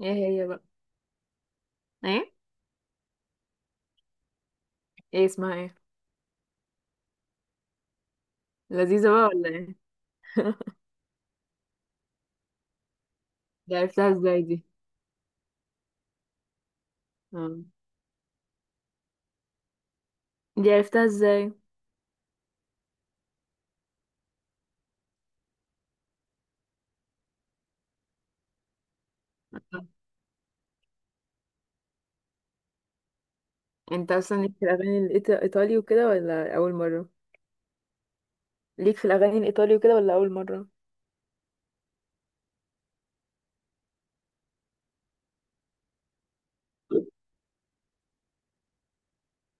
ايه هي بقى ايه ايه اسمها؟ ايه لذيذة بقى ولا ايه؟ دي عرفتها ازاي دي؟ آه. دي عرفتها ازاي؟ انت اصلا ليك في الاغاني الايطالي وكده ولا اول مرة؟ ليك في الاغاني الايطالي وكده ولا اول مرة؟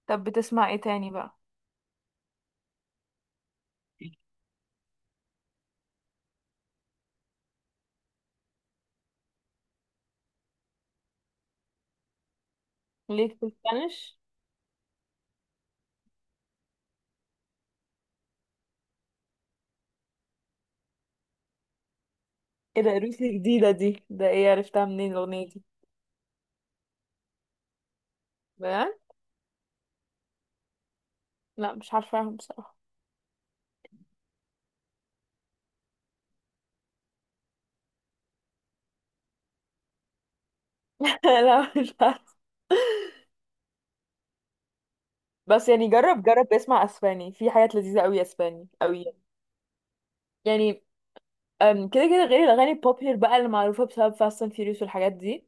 طب بتسمع ايه تاني بقى؟ ليك في الاسبانيش؟ ايه ده، روسي جديدة دي؟ ده ايه، عرفتها منين الاغنية دي؟ بجد؟ لا مش عارفاهم بصراحة. لا مش عارفة. بس يعني جرب اسمع اسباني، في حاجات لذيذة قوي اسباني، قوي يعني. يعني كده كده غير الأغاني البوبيلر بقى اللي معروفة بسبب فاست اند فيوريوس والحاجات دي،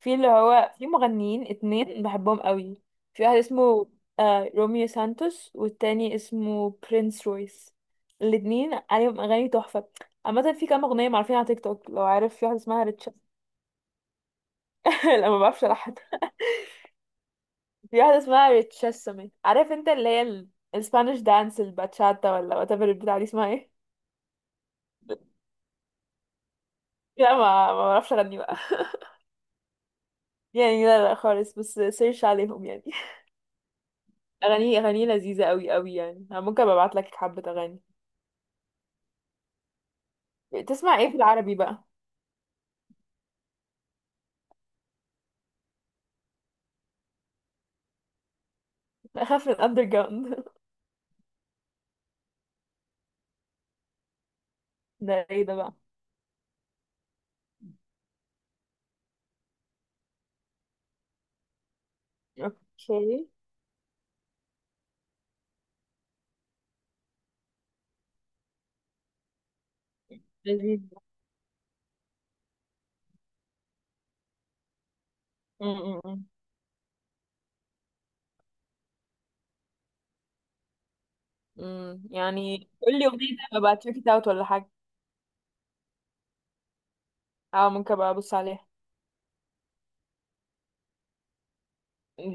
في اللي هو، في مغنيين اتنين بحبهم قوي. في واحد اسمه روميو سانتوس والتاني اسمه برينس رويس. الاتنين عليهم أغاني تحفة. عامة في كام أغنية معروفين على تيك توك، لو عارف في واحدة اسمها ريتشس. لا ما بعرفش ألحن. في واحدة اسمها ريتشسمي عارف انت اللي هي الاسبانيش دانس الباتشاتا ولا whatever البتاع دي اسمها ايه. لا ما بعرفش أغني بقى. يعني لا، لا خالص، بس سيرش عليهم يعني. اغانيه لذيذه قوي قوي يعني، انا ممكن ابقى ابعت لك حبه اغاني. تسمع ايه في العربي بقى؟ اخاف من الاندر جراوند. ده ايه ده بقى؟ اوكي. لذيذ. م- م- م. م. يعني قول لي اغنيه طيب، ابقى تشيك ات اوت ولا حاجه. اه ممكن ابقى ابص عليها.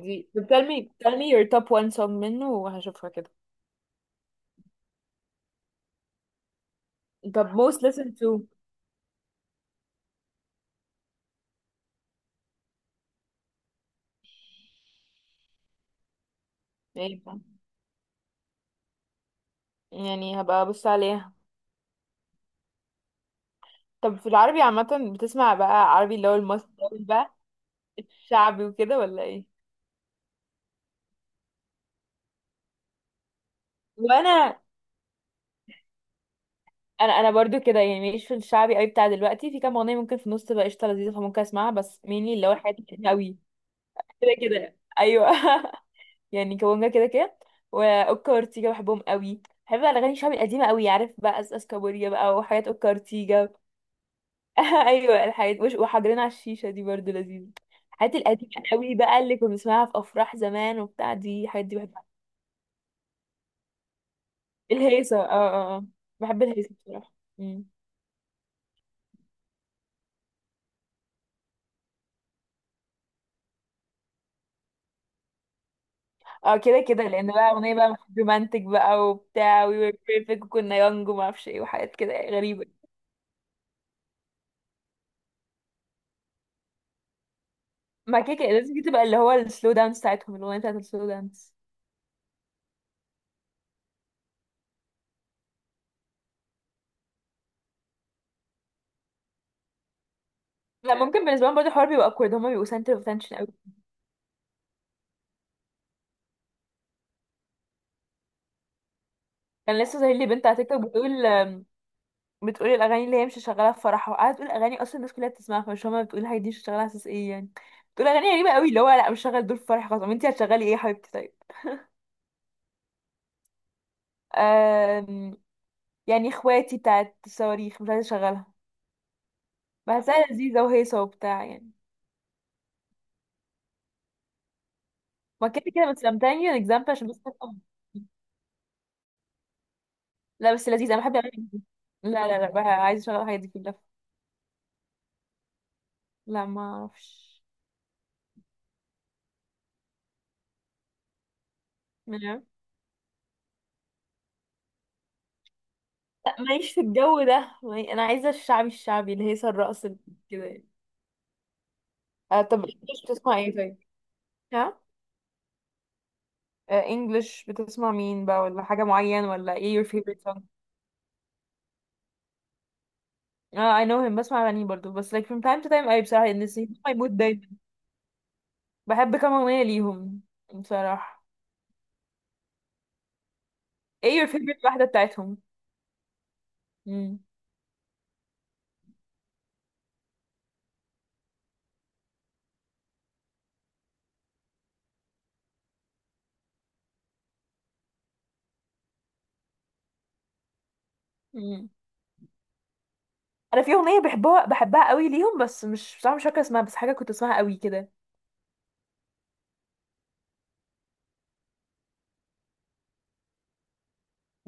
دي؟ طب tell me your top one song منه وهشوفها كده. طب most listened to. ايه بقى؟ يعني هبقى ابص عليها. طب في العربي عامة بتسمع بقى عربي اللي هو المصري بقى، الشعبي وكده ولا ايه؟ وانا، انا برضو كده يعني، ماليش في الشعبي قوي بتاع دلوقتي، في كام اغنيه ممكن في النص تبقى قشطه لذيذه فممكن اسمعها بس مينلي اللي هو الحاجات القديمه قوي. كده كده ايوه. يعني كونجا كده كده، واوكا وارتيجا بحبهم قوي، بحب بقى الاغاني الشعبي القديمه قوي، عارف بقى اساس كابوريا بقى وحاجات اوكا وارتيجا. ايوه الحاجات، وحجرين على الشيشه دي برضو لذيذه، الحاجات القديمه قوي بقى اللي كنا بنسمعها في افراح زمان وبتاع، دي الحاجات دي بحبها. الهيصه، اه، اه، آه. بحب الهيصه بصراحه. اه كده كده، لان بقى اغنيه بقى رومانتك بقى وبتاع، وي وير بيرفكت وكنا يونج وما اعرفش ايه وحاجات كده غريبه. ما كده كده لازم دي تبقى اللي هو السلو دانس بتاعتهم، الاغنيه بتاعت السلو دانس. لا ممكن بالنسبه لهم برضه الحوار بيبقى awkward، هما بيبقوا سنتر اوف اتنشن قوي. كان لسه ظاهر لي بنت على تيك توك بتقول، بتقول الاغاني اللي هي مش شغاله في فرحها، وقاعده تقول اغاني اصلا الناس كلها بتسمعها فمش، هما بتقول الحاجات دي مش شغاله على اساس ايه يعني. بتقول اغاني غريبه قوي اللي هو لا مش شغال دول في فرحي خلاص، طب انت هتشغلي ايه يا حبيبتي طيب؟ آم، يعني اخواتي بتاعت الصواريخ مش عايزه اشغلها؟ بحسها لذيذة وهيصة وبتاع يعني. ما كده كده بس I'm telling you an example عشان بس تفهم. لا بس لذيذة، أنا بحب الأغاني دي. لا، لا، لا بقى، عايزة أشغل الحاجات دي كلها. لا ما أعرفش. ما- لا ماليش في الجو ده، أنا عايزة الشعبي، الشعبي، الهيصة، الرقص، كده يعني. طب إنجلش بتسمع إيه طيب؟ ها؟ إنجلش بتسمع مين بقى، ولا حاجة معين، ولا إيه your favorite song؟ اه I know him، بسمع أغاني برضو بس like from time to time، أي بصراحة إن my mood دايما بحب كام أغنية ليهم بصراحة. إيه your favorite واحدة بتاعتهم؟ مم. مم. انا في اغنيه بحبها، بحبها قوي ليهم بس مش، بصراحه مش فاكره اسمها، بس حاجه كنت اسمها قوي كده.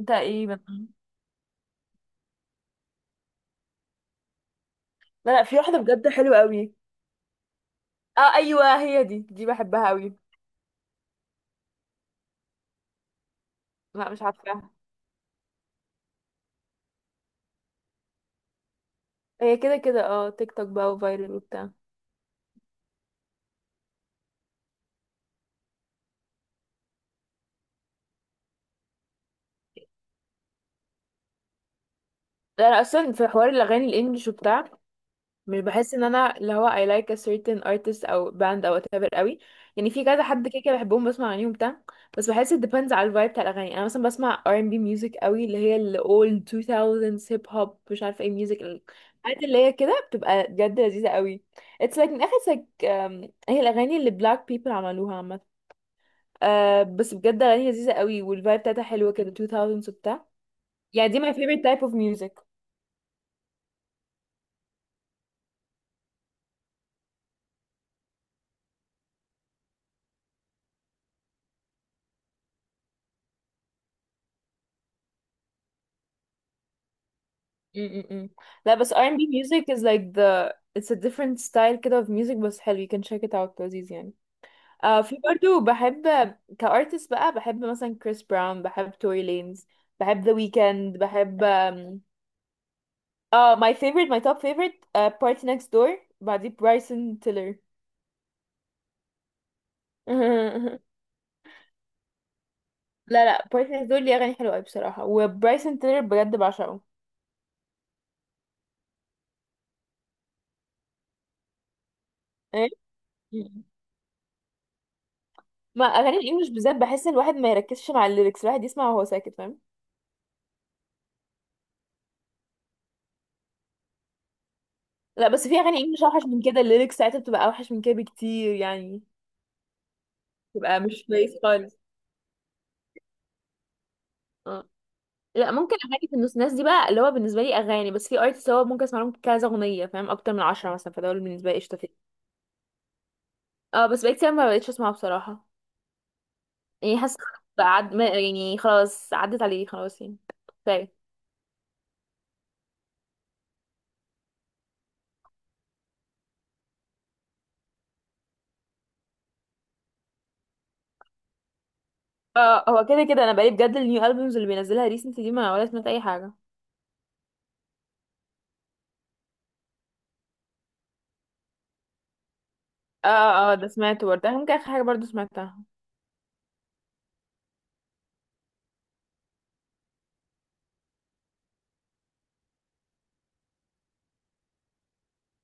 تقريبا. لا لا، في واحده بجد حلوه قوي. اه ايوه هي دي بحبها قوي. لا مش عارفاها. هي كده كده، تيك توك بقى وفايرل وبتاع. ده انا اصلا في حوار الاغاني الانجليش وبتاع مش بحس ان انا اللي هو I like a certain artist او band او whatever قوي، يعني في كذا حد كده كده بحبهم، بسمع اغانيهم بتاع، بس بحس it depends على الفايب بتاع الاغاني. انا مثلا بسمع R&B music قوي اللي هي ال old 2000s hip hop مش عارفه ايه music، الحاجات اللي هي كده بتبقى بجد لذيذه قوي. it's like من اخر like، هي الاغاني اللي black people عملوها عامه. بس بجد اغاني لذيذه قوي والفايب بتاعتها حلوه كده، 2000s وبتاع يعني، دي my favorite type of music. م-م-م. لا بس R&B music is like the it's a different style كده of music، بس حلو you can check it out، لذيذ يعني. في برضو بحب كارتست بقى، بحب مثلا كريس براون، بحب توري لينز، بحب ذا ويكند، بحب اه my top favorite party next door، بعديه برايسون تيلر. لا لا party next door ليه اغاني حلوه قوي بصراحه، وبرايسون تيلر بجد بعشقه. إيه؟ ما اغاني الانجليش بالذات بحس ان الواحد ما يركزش مع الليركس، الواحد يسمع وهو ساكت فاهم. لا بس في اغاني انجلش اوحش من كده، الليركس ساعتها بتبقى اوحش من كده بكتير يعني، بتبقى مش كويس خالص. اه. لا ممكن اغاني في النص ناس دي بقى اللي هو بالنسبه لي اغاني، بس في ارتست هو ممكن اسمع لهم كذا اغنيه فاهم، اكتر من 10 مثلا، فدول بالنسبه لي قشطه. اه بس بقيت كتير ما بقتش اسمعه بصراحه. يعني حاسه بقى، يعني خلاص عدت عليه خلاص يعني، كفايه. اه هو كده كده، انا بقالي بجد النيو البومز اللي بينزلها ريسنت دي ما ولا سمعت اي حاجه. اه، اه ده سمعته برضه ممكن اخر حاجه برضه سمعتها.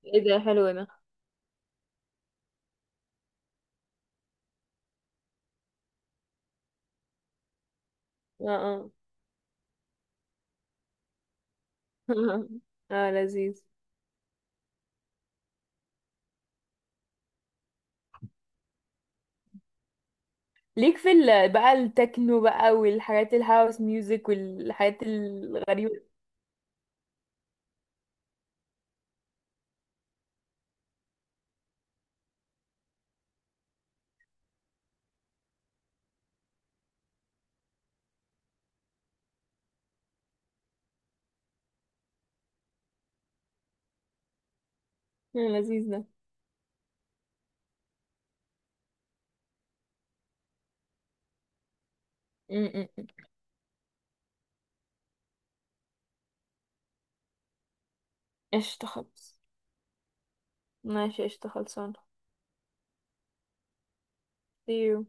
ايه ده حلو ده. اه، اه. اه لذيذ. ليك في بقى التكنو بقى والحاجات الهاوس ميوزك والحاجات الغريبة؟ اللذيذ ده. م- م- م. قشطة خالص. ماشي قشطة خلصانة. See you.